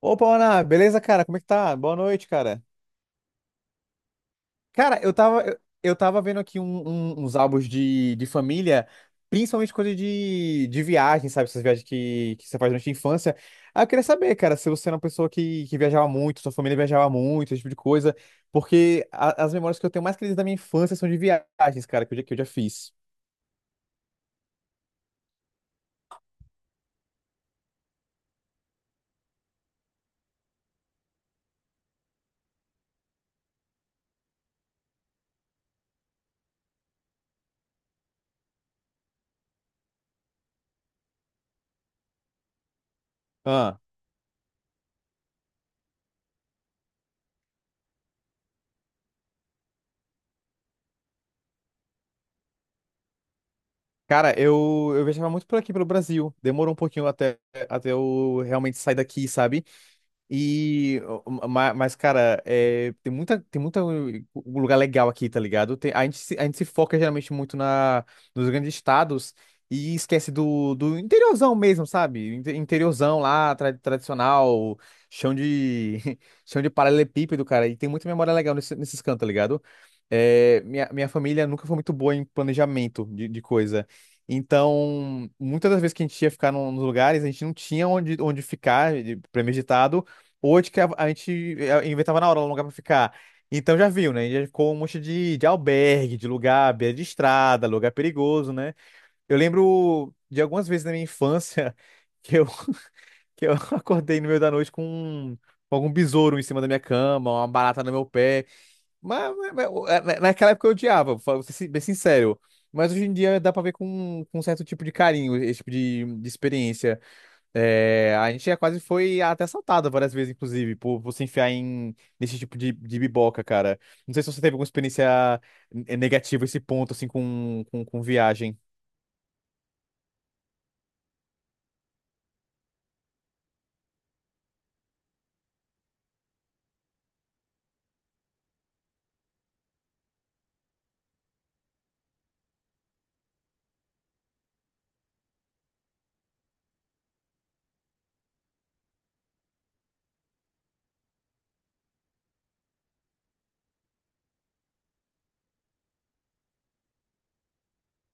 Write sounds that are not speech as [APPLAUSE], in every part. Opa, Ana, beleza, cara? Como é que tá? Boa noite, cara. Cara, eu tava vendo aqui uns álbuns de família, principalmente coisa de viagem, sabe? Essas viagens que você faz durante a infância. Ah, eu queria saber, cara, se você era uma pessoa que viajava muito, sua família viajava muito, esse tipo de coisa, porque as memórias que eu tenho mais queridas da minha infância são de viagens, cara, que eu já fiz. Ah, cara, eu viajava muito por aqui, pelo Brasil. Demorou um pouquinho até eu realmente sair daqui, sabe? E, mas, cara, é, tem muita lugar legal aqui, tá ligado? A gente se foca geralmente muito nos grandes estados e esquece do interiorzão mesmo, sabe? Interiorzão lá, tradicional, chão de, [LAUGHS] chão de paralelepípedo, cara. E tem muita memória legal nesses cantos, tá ligado? É, minha família nunca foi muito boa em planejamento de coisa. Então, muitas das vezes que a gente ia ficar nos lugares, a gente não tinha onde ficar premeditado. Oito que a gente inventava na hora um lugar pra ficar. Então já viu, né? Já ficou um monte de albergue, de lugar, à beira de estrada, lugar perigoso, né? Eu lembro de algumas vezes na minha infância [LAUGHS] que eu, que eu [LAUGHS] acordei no meio da noite com algum besouro em cima da minha cama, uma barata no meu pé. Mas, naquela época eu odiava, vou ser bem sincero. Mas hoje em dia dá pra ver com um certo tipo de carinho esse tipo de experiência. É, a gente já quase foi até assaltada várias vezes, inclusive, por você enfiar nesse tipo de biboca, cara. Não sei se você teve alguma experiência negativa a esse ponto, assim, com viagem.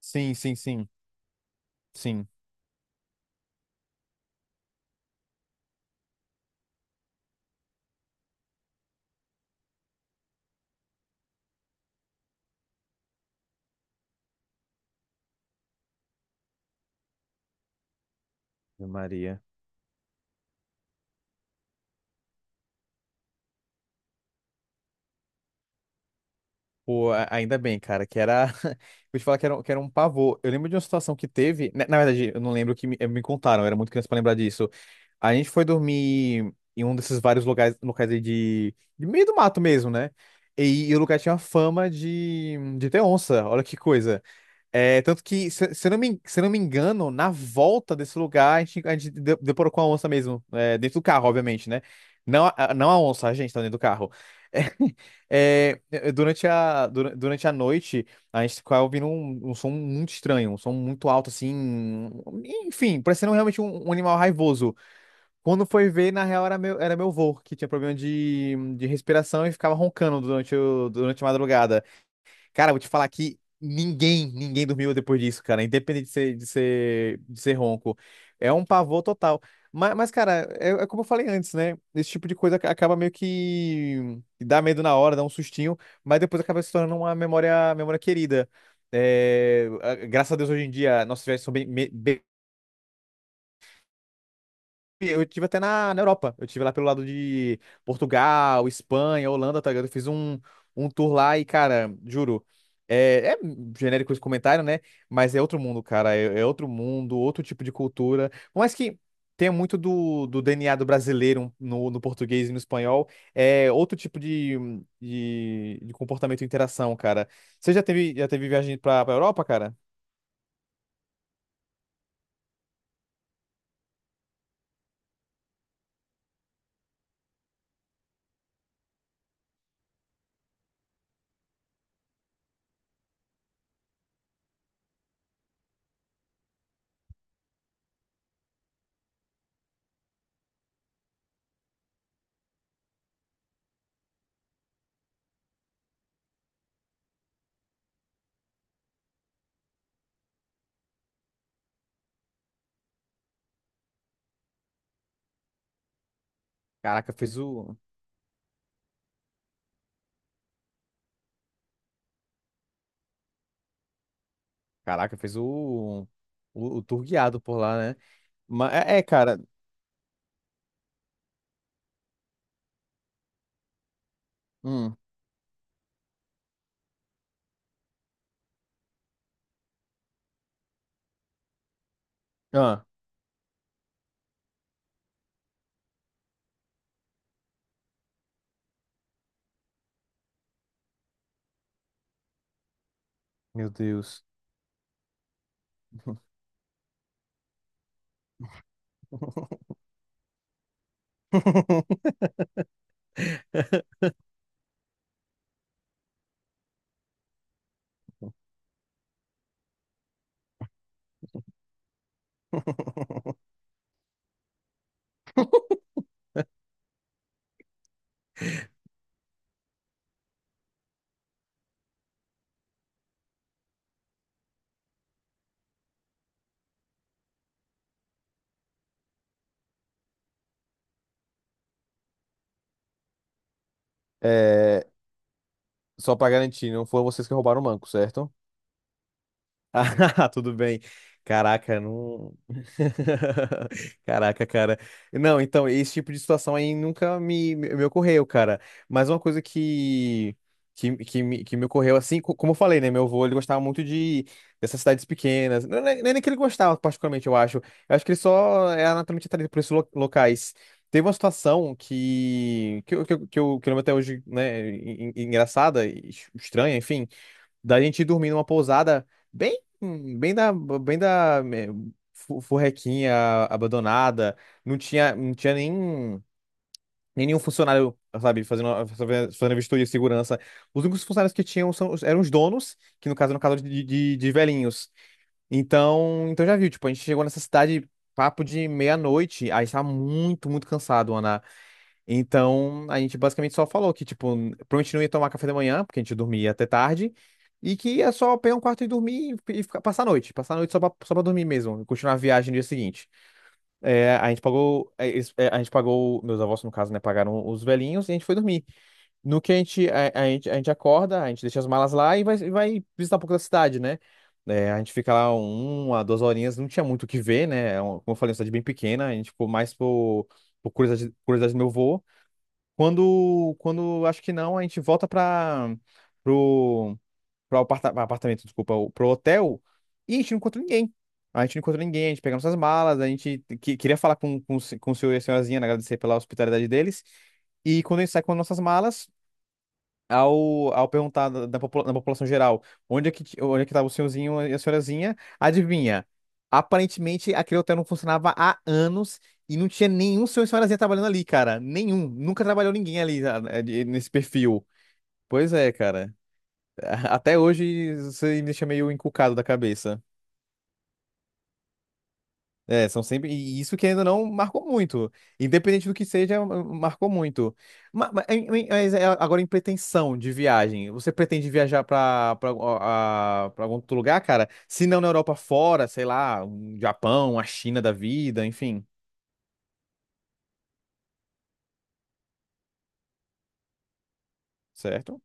Sim, sim, sim, sim. Ave Maria. Pô, ainda bem, cara, que era. [LAUGHS] Vou te falar que era um pavor. Eu lembro de uma situação que teve. Na verdade, eu não lembro o que me contaram, eu era muito criança pra lembrar disso. A gente foi dormir em um desses vários locais, aí de meio do mato mesmo, né? E o lugar tinha fama de ter onça, olha que coisa. É, tanto que, se eu não me, se eu não me engano, na volta desse lugar, a gente deparou com a onça mesmo, é, dentro do carro, obviamente, né? Não a onça, a gente tá dentro do carro. [LAUGHS] É, é, durante a noite, a gente ficava ouvindo um som muito estranho, um som muito alto, assim, enfim, parecendo realmente um animal raivoso. Quando foi ver, na real, era meu avô, que tinha problema de respiração e ficava roncando durante a madrugada. Cara, vou te falar que ninguém dormiu depois disso, cara, independente de ser ronco. É um pavor total. Mas cara, é como eu falei antes, né? Esse tipo de coisa acaba meio que dá medo na hora, dá um sustinho, mas depois acaba se tornando uma memória, querida. É, graças a Deus, hoje em dia, nossas viagens são bem, bem. Eu tive até na Europa. Eu tive lá pelo lado de Portugal, Espanha, Holanda, tá ligado? Eu fiz um tour lá e, cara, juro. É genérico esse comentário, né? Mas é outro mundo, cara. É outro mundo, outro tipo de cultura. Por mais que tenha muito do DNA do brasileiro no português e no espanhol, é outro tipo de comportamento e interação, cara. Você já teve viagem pra Europa, cara? Caraca, fez o. Caraca, fez o tour guiado por lá, né? Mas é, cara. Hum. Ah, meu Deus. [LAUGHS] É, só pra garantir, não foram vocês que roubaram o banco, certo? Ah, [LAUGHS] tudo bem. Caraca, não. [LAUGHS] Caraca, cara. Não, então, esse tipo de situação aí nunca me ocorreu, cara. Mas uma coisa que me ocorreu, assim, como eu falei, né? Meu avô, ele gostava muito de dessas cidades pequenas. Não, não é nem que ele gostava, particularmente, eu acho. Eu acho que ele só é naturalmente atraído por esses locais. Teve uma situação que, eu- que, eu, que eu que eu lembro até hoje, né? Engraçada, e estranha, enfim da gente dormir numa pousada bem, bem da furrequinha abandonada. Não tinha nem nenhum funcionário, sabe, fazendo vistoria de segurança. Os únicos funcionários que tinham eram os donos, que no caso eram casal de velhinhos. Então, já viu, tipo, a gente chegou nessa cidade papo de meia-noite, aí estava muito, muito cansado, então, a gente basicamente só falou que, tipo, provavelmente não ia tomar café da manhã, porque a gente dormia até tarde, e que ia só pegar um quarto e dormir e ficar, passar a noite só pra dormir mesmo, e continuar a viagem no dia seguinte. É, meus avós, no caso, né, pagaram os velhinhos e a gente foi dormir. No que a gente acorda, a gente deixa as malas lá e vai, visitar um pouco da cidade, né? É, a gente fica lá uma, duas horinhas, não tinha muito o que ver, né? Como eu falei, uma cidade bem pequena, a gente ficou mais por curiosidade, curiosidade do meu vô. Quando acho que não, a gente volta para pro, pro aparta- apartamento, desculpa, o- pro hotel e a gente não encontra ninguém. A gente não encontra ninguém, a gente pega nossas malas, a gente queria falar com, o se- com o senhor e a senhorazinha, né, agradecer pela hospitalidade deles. E quando a gente sai com nossas malas, ao perguntar da população geral onde é que estava o senhorzinho e a senhorazinha, adivinha? Aparentemente, aquele hotel não funcionava há anos e não tinha nenhum senhor e senhorazinha trabalhando ali, cara. Nenhum. Nunca trabalhou ninguém ali nesse perfil. Pois é, cara. [LAUGHS] Até hoje você me deixa meio encucado da cabeça. É, são sempre. E isso que ainda não marcou muito. Independente do que seja, marcou muito. Mas, é agora em pretensão de viagem, você pretende viajar para algum outro lugar, cara? Se não na Europa fora, sei lá, um Japão, a China da vida, enfim, certo?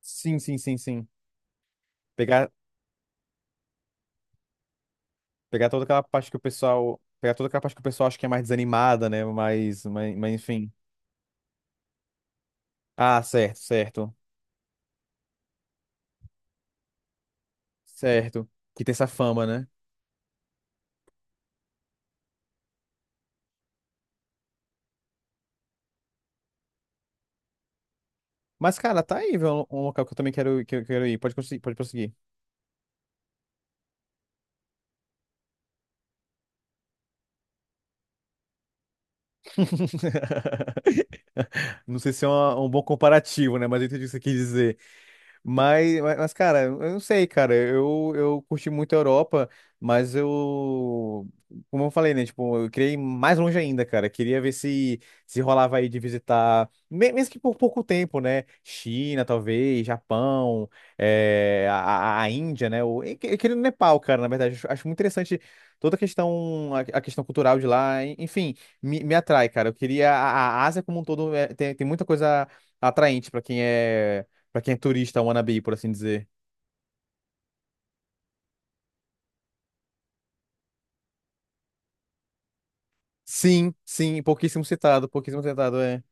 Sim, sim, sim, sim. Pegar, Pegar toda aquela parte que o pessoal acha que é mais desanimada, né? Mas, enfim. Ah, certo, certo. Certo. Que tem essa fama, né? Mas, cara, tá aí, viu? Um local que eu quero ir. Pode, conseguir, pode prosseguir. [LAUGHS] Não sei se é um bom comparativo, né? Mas eu entendi o que você quis dizer. Mas, cara, eu não sei, cara. Eu curti muito a Europa, mas eu, como eu falei, né? Tipo, eu queria ir mais longe ainda, cara. Queria ver se rolava aí de visitar, mesmo que por pouco tempo, né? China, talvez, Japão, eh, a, a Índia, né? Eu queria ir no Nepal, cara, na verdade. Acho muito interessante toda a questão cultural de lá. Enfim, me atrai, cara. Eu queria. A Ásia como um todo tem muita coisa atraente para quem é. Pra quem é turista, wannabe, por assim dizer. Sim, sim, pouquíssimo citado, é.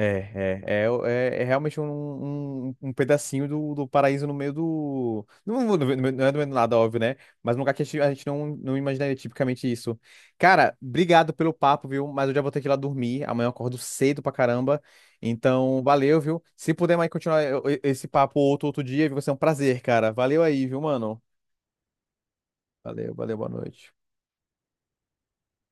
É, é, é, é realmente um pedacinho do paraíso no meio do. Não, não, não é do meio do nada, óbvio, né? Mas um lugar que a gente não, não imaginaria tipicamente isso. Cara, obrigado pelo papo, viu? Mas eu já vou ter que ir lá dormir. Amanhã eu acordo cedo pra caramba. Então, valeu, viu? Se puder mais continuar esse papo outro dia, viu? Vai ser um prazer, cara. Valeu aí, viu, mano? Valeu, valeu, boa noite.